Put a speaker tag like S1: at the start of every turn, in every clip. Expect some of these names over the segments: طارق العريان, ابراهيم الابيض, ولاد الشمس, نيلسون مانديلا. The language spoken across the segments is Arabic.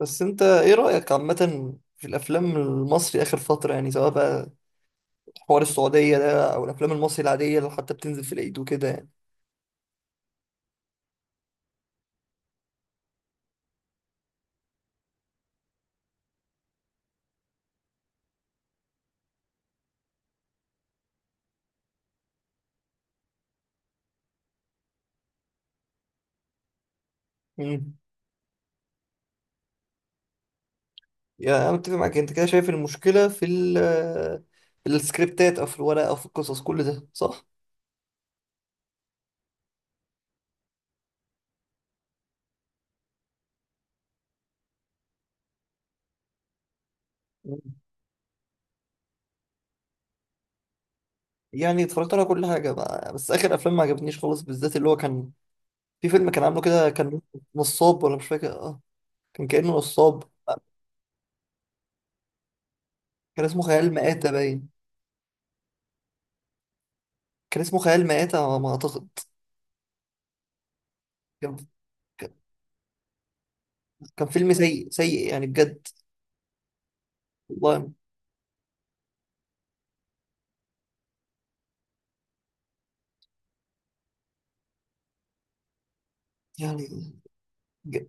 S1: بس انت ايه رأيك عامة في الافلام المصري اخر فترة؟ يعني سواء بقى حوار السعودية ده او الافلام المصري العادية اللي حتى بتنزل في العيد وكده يعني. امم. يعني انا متفق معاك، انت كده شايف المشكلة في ال في السكريبتات او في الورق او في القصص، كل ده صح؟ مم. يعني اتفرجت على كل حاجة بقى. بس اخر افلام ما عجبنيش خالص، بالذات اللي هو كان في فيلم كان عامله كده، كان نصاب ولا مش فاكر، اه كان كأنه نصاب. كان اسمه خيال مآتة باين. كان اسمه خيال مآتة على ما اعتقد. كان فيلم سيء سيء يعني بجد. والله يعني. ج-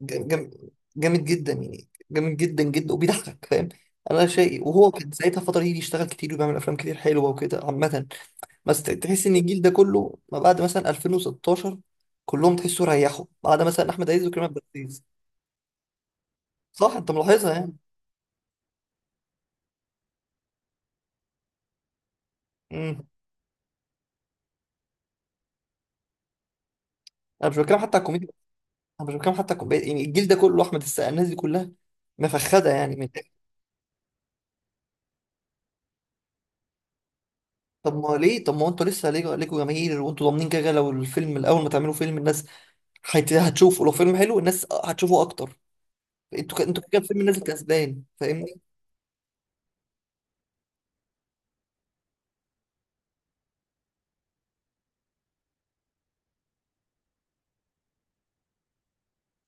S1: ج- جم- جامد جدا يعني، جامد جدا جدا وبيضحك، فاهم. انا شيء، وهو كان ساعتها الفتره دي بيشتغل كتير وبيعمل افلام كتير حلوه وكده عامه. بس تحس ان الجيل ده كله ما بعد مثلا 2016، كلهم تحسوا ريحوا بعد مثلا احمد عز وكريم عبد العزيز. صح، انت ملاحظها يعني. امم. انا مش بتكلم حتى على الكوميديا. انا مش بتكلم حتى على الكوميديا، يعني الجيل ده كله احمد السقا الناس دي كلها مفخده يعني من. طب ما ليه؟ طب ما هو انتوا لسه ليكوا جماهير، وانتوا ضامنين كده كده لو الفيلم الاول ما تعملوا فيلم الناس هتشوفه، لو فيلم حلو الناس هتشوفه اكتر. انتوا كده الفيلم نازل كسبان، فاهمني.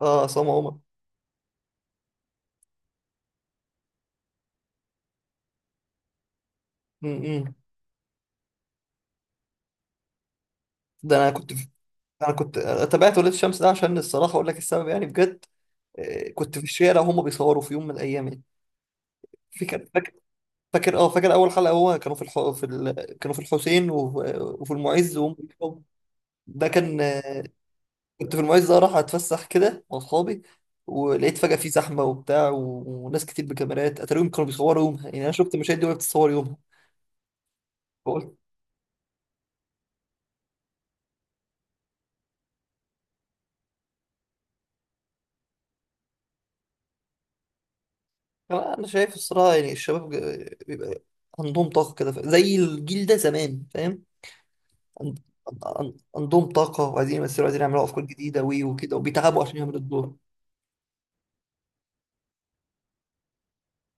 S1: اه، عصام عمر. امم. ده انا كنت في... انا كنت تابعت ولاد الشمس ده عشان الصراحه اقول لك السبب يعني بجد. آه، كنت في الشارع وهم بيصوروا في يوم من الايام يعني. فاكر فاكر فاكر اول حلقه، هو كانوا في الحسين و... وفي المعز وهم بيصوروا. ده كان. كنت في المعز، راح اتفسح كده مع اصحابي، ولقيت فجأة في زحمة وبتاع وناس كتير بكاميرات، اتاريهم كانوا بيصوروا يومها يعني. انا شفت مشاهد دي وهي بتتصور يومها. فقلت آه، انا شايف الصراحة يعني الشباب بيبقى عندهم طاقة كده، زي الجيل ده زمان، فاهم. عند- عندهم طاقة وعايزين يمثلوا، عايزين يعملوا افكار جديدة وكده وبيتعبوا عشان يعملوا الدور.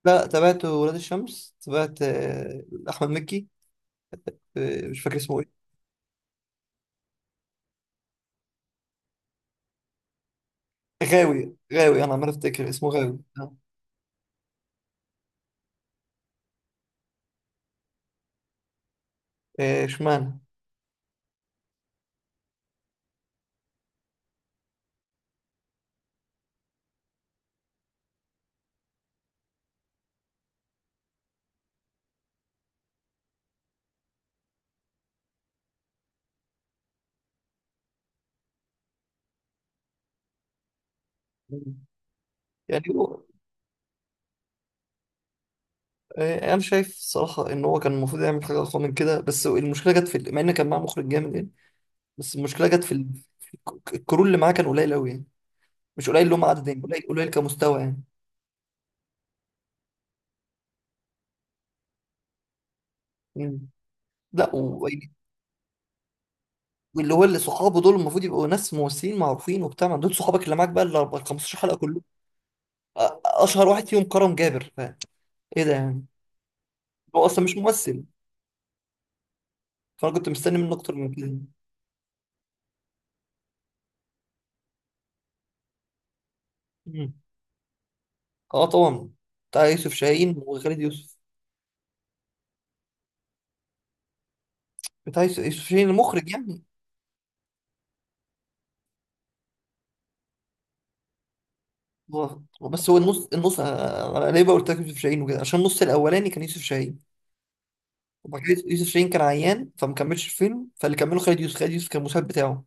S1: لا، تابعت ولاد الشمس، تابعت آه، احمد مكي، آه، مش فاكر اسمه ايه. غاوي، انا عمال افتكر اسمه غاوي آه،. آه، اشمعنى. يعني هو آه، انا شايف صراحه ان هو كان المفروض يعمل حاجه اقوى من كده، بس المشكله جت في ال- مع ان كان معاه مخرج جامد يعني. بس المشكله جت في ال- في الكرو اللي معاه كان قليل قوي يعني. مش قليل اللي هم عدد، يعني قليل قليل كمستوى يعني. مم. لا واللي هو اللي صحابه دول المفروض يبقوا ناس ممثلين معروفين وبتاع، ما دول صحابك اللي معاك بقى ال 4 15 حلقه كله. اشهر واحد فيهم كرم جابر، ايه ده يعني. هو اصلا مش ممثل، فانا كنت مستني منه اكتر من كده. مم. اه طبعا. بتاع يوسف شاهين وخالد يوسف. بتاع يوسف شاهين المخرج يعني. بالظبط، بس هو النص انا ليه بقول لك يوسف شاهين وكده، عشان النص الاولاني كان يوسف شاهين وبعد كده يوسف شاهين كان عيان فما كملش الفيلم، فاللي كمله خالد يوسف، خالد يوسف كان المساعد بتاعه.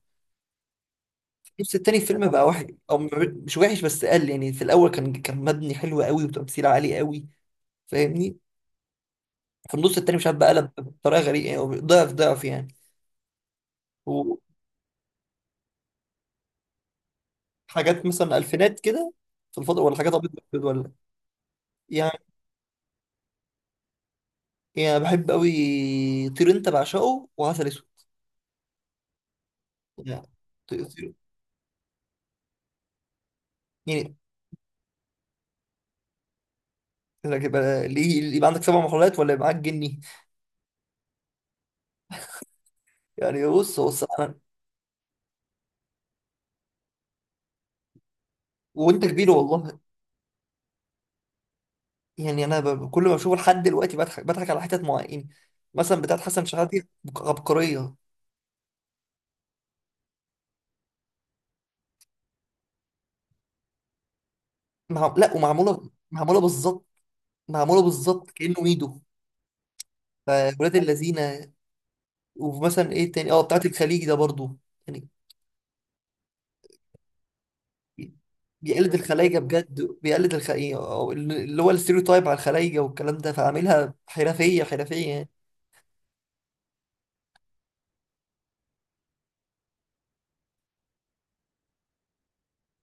S1: النص التاني الفيلم بقى وحش، او مش وحش بس قل يعني. في الاول كان كان مبني حلو قوي وتمثيل عالي قوي، فاهمني. في النص التاني مش عارف بقى قلب بطريقه غريبه يعني، ضعف ضعف يعني. وحاجات مثلا الفينات كده، في الفضاء ولا حاجات ابيض وأسود ولا. يعني. يعني بحب قوي طير انت بعشقه وعسل اسود يعني. طير- طير- يعني انك يبقى ليه، يبقى عندك 7 محاولات ولا يبقى معاك جني. يعني بص بص انا. وانت كبير والله. يعني انا كل ما بشوفه لحد دلوقتي بضحك، بضحك على حتت معينه، مثلا بتاعت حسن شحاته. عبقريه. لا ومعموله معموله بالظبط. معموله بالظبط كانه ايده فولاد اللذينه. ومثلا ايه تاني اه بتاعت الخليج ده برضو يعني. بيقلد الخلايجه بجد، بيقلد إيه، أو اللي هو الستيريوتايب على الخلايجه والكلام ده، فعاملها حرفيه حرفيه يعني.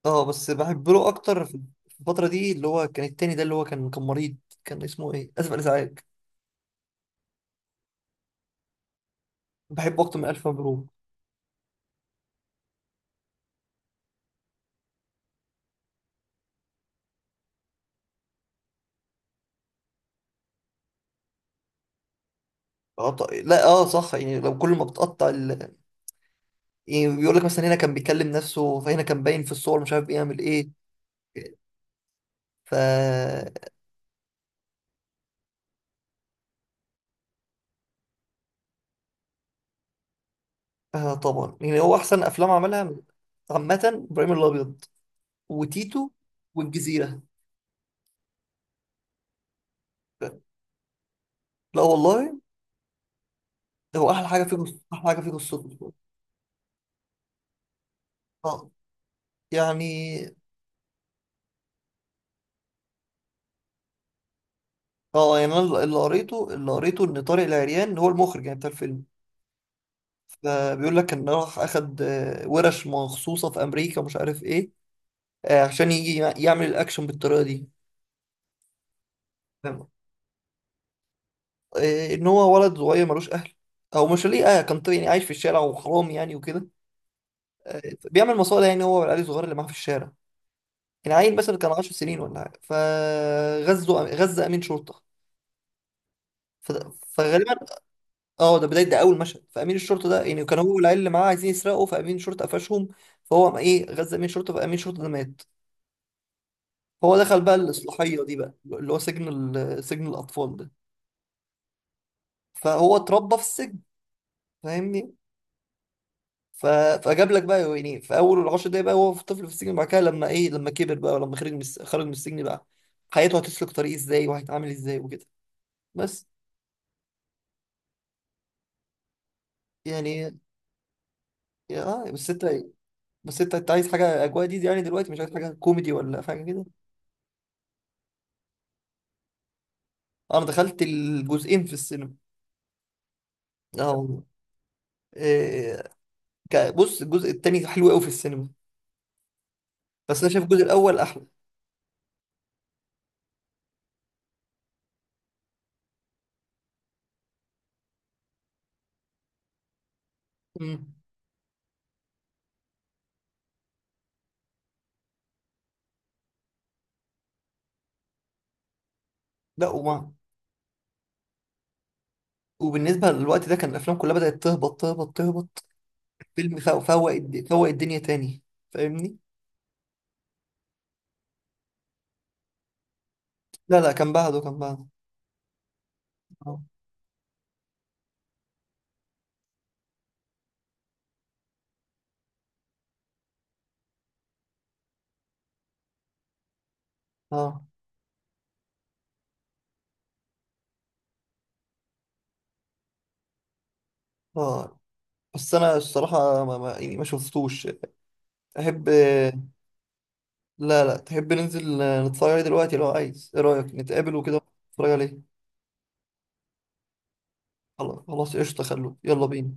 S1: اه، بس بحب له اكتر في الفتره دي، اللي هو كان التاني ده اللي هو كان كان مريض، كان اسمه ايه؟ اسف على الازعاج. بحبه اكتر من الف مبروك. اه لا اه صح، يعني لو كل ما بتقطع ال... يعني بيقول لك مثلا هنا كان بيكلم نفسه، فهنا كان باين في الصور مش عارف بيعمل ايه. ف. آه طبعا، يعني هو احسن افلام عملها عامه، ابراهيم الابيض وتيتو والجزيره. لا والله. هو احلى حاجه فيه احلى حاجه فيه قصته. اه يعني. اه يعني انا اللي قريته، اللي قريته ان طارق العريان هو المخرج يعني بتاع الفيلم. فبيقول لك ان راح اخد آه، ورش مخصوصه في امريكا ومش عارف ايه، آه، عشان يجي يعمل الاكشن بالطريقه دي، فاهم؟ آه، ان هو ولد صغير ملوش اهل، او مش ليه، اه كان طيب يعني عايش في الشارع وحرام يعني وكده. آه، بيعمل مصالح، يعني هو والعيال الصغير اللي معاه في الشارع. العيل مثلا كان 10 سنين ولا حاجه، فغزه امين شرطه فده-، فغالبا. اه، ده بدايه، ده اول مشهد. فامين الشرطه ده يعني كان هو والعيال اللي معاه عايزين يسرقوا، فامين الشرطه قفشهم. فهو قام ايه غزا امين الشرطه، فامين الشرطه ده مات. هو دخل بقى الاصلاحيه دي بقى اللي هو سجن، ال- سجن الاطفال ده. فهو اتربى في السجن، فاهمني. ف... فجاب لك بقى يعني، في اول ال10 دقايق بقى هو في طفل في السجن، بعد كده لما ايه لما كبر بقى، ولما خرج من خرج من السجن بقى حياته هتسلك طريق ازاي وهيتعامل ازاي وكده، بس. يعني اه بس انت. بس انت انت عايز حاجه اجواء دي يعني دلوقتي، مش عايز حاجه كوميدي ولا حاجه كده. اه انا دخلت الجزئين في السينما. اه والله. إيه. بص الجزء التاني حلو قوي في السينما، بس انا شايف الجزء الاول احلى. امم. لا وما. وبالنسبه للوقت ده كان الافلام كلها بدات تهبط تهبط تهبط. فيلم فوق فوق فوق الدنيا تاني، فاهمني. لا لا، كان بعده كان بعده. اه اه اه. بس انا الصراحه ما ما, يعني ما شفتوش. احب. لا لا، تحب ننزل نتفرج عليه دلوقتي لو عايز، ايه رايك نتقابل وكده نتفرج عليه. خلاص خلاص قشطه خلوه يلا بينا.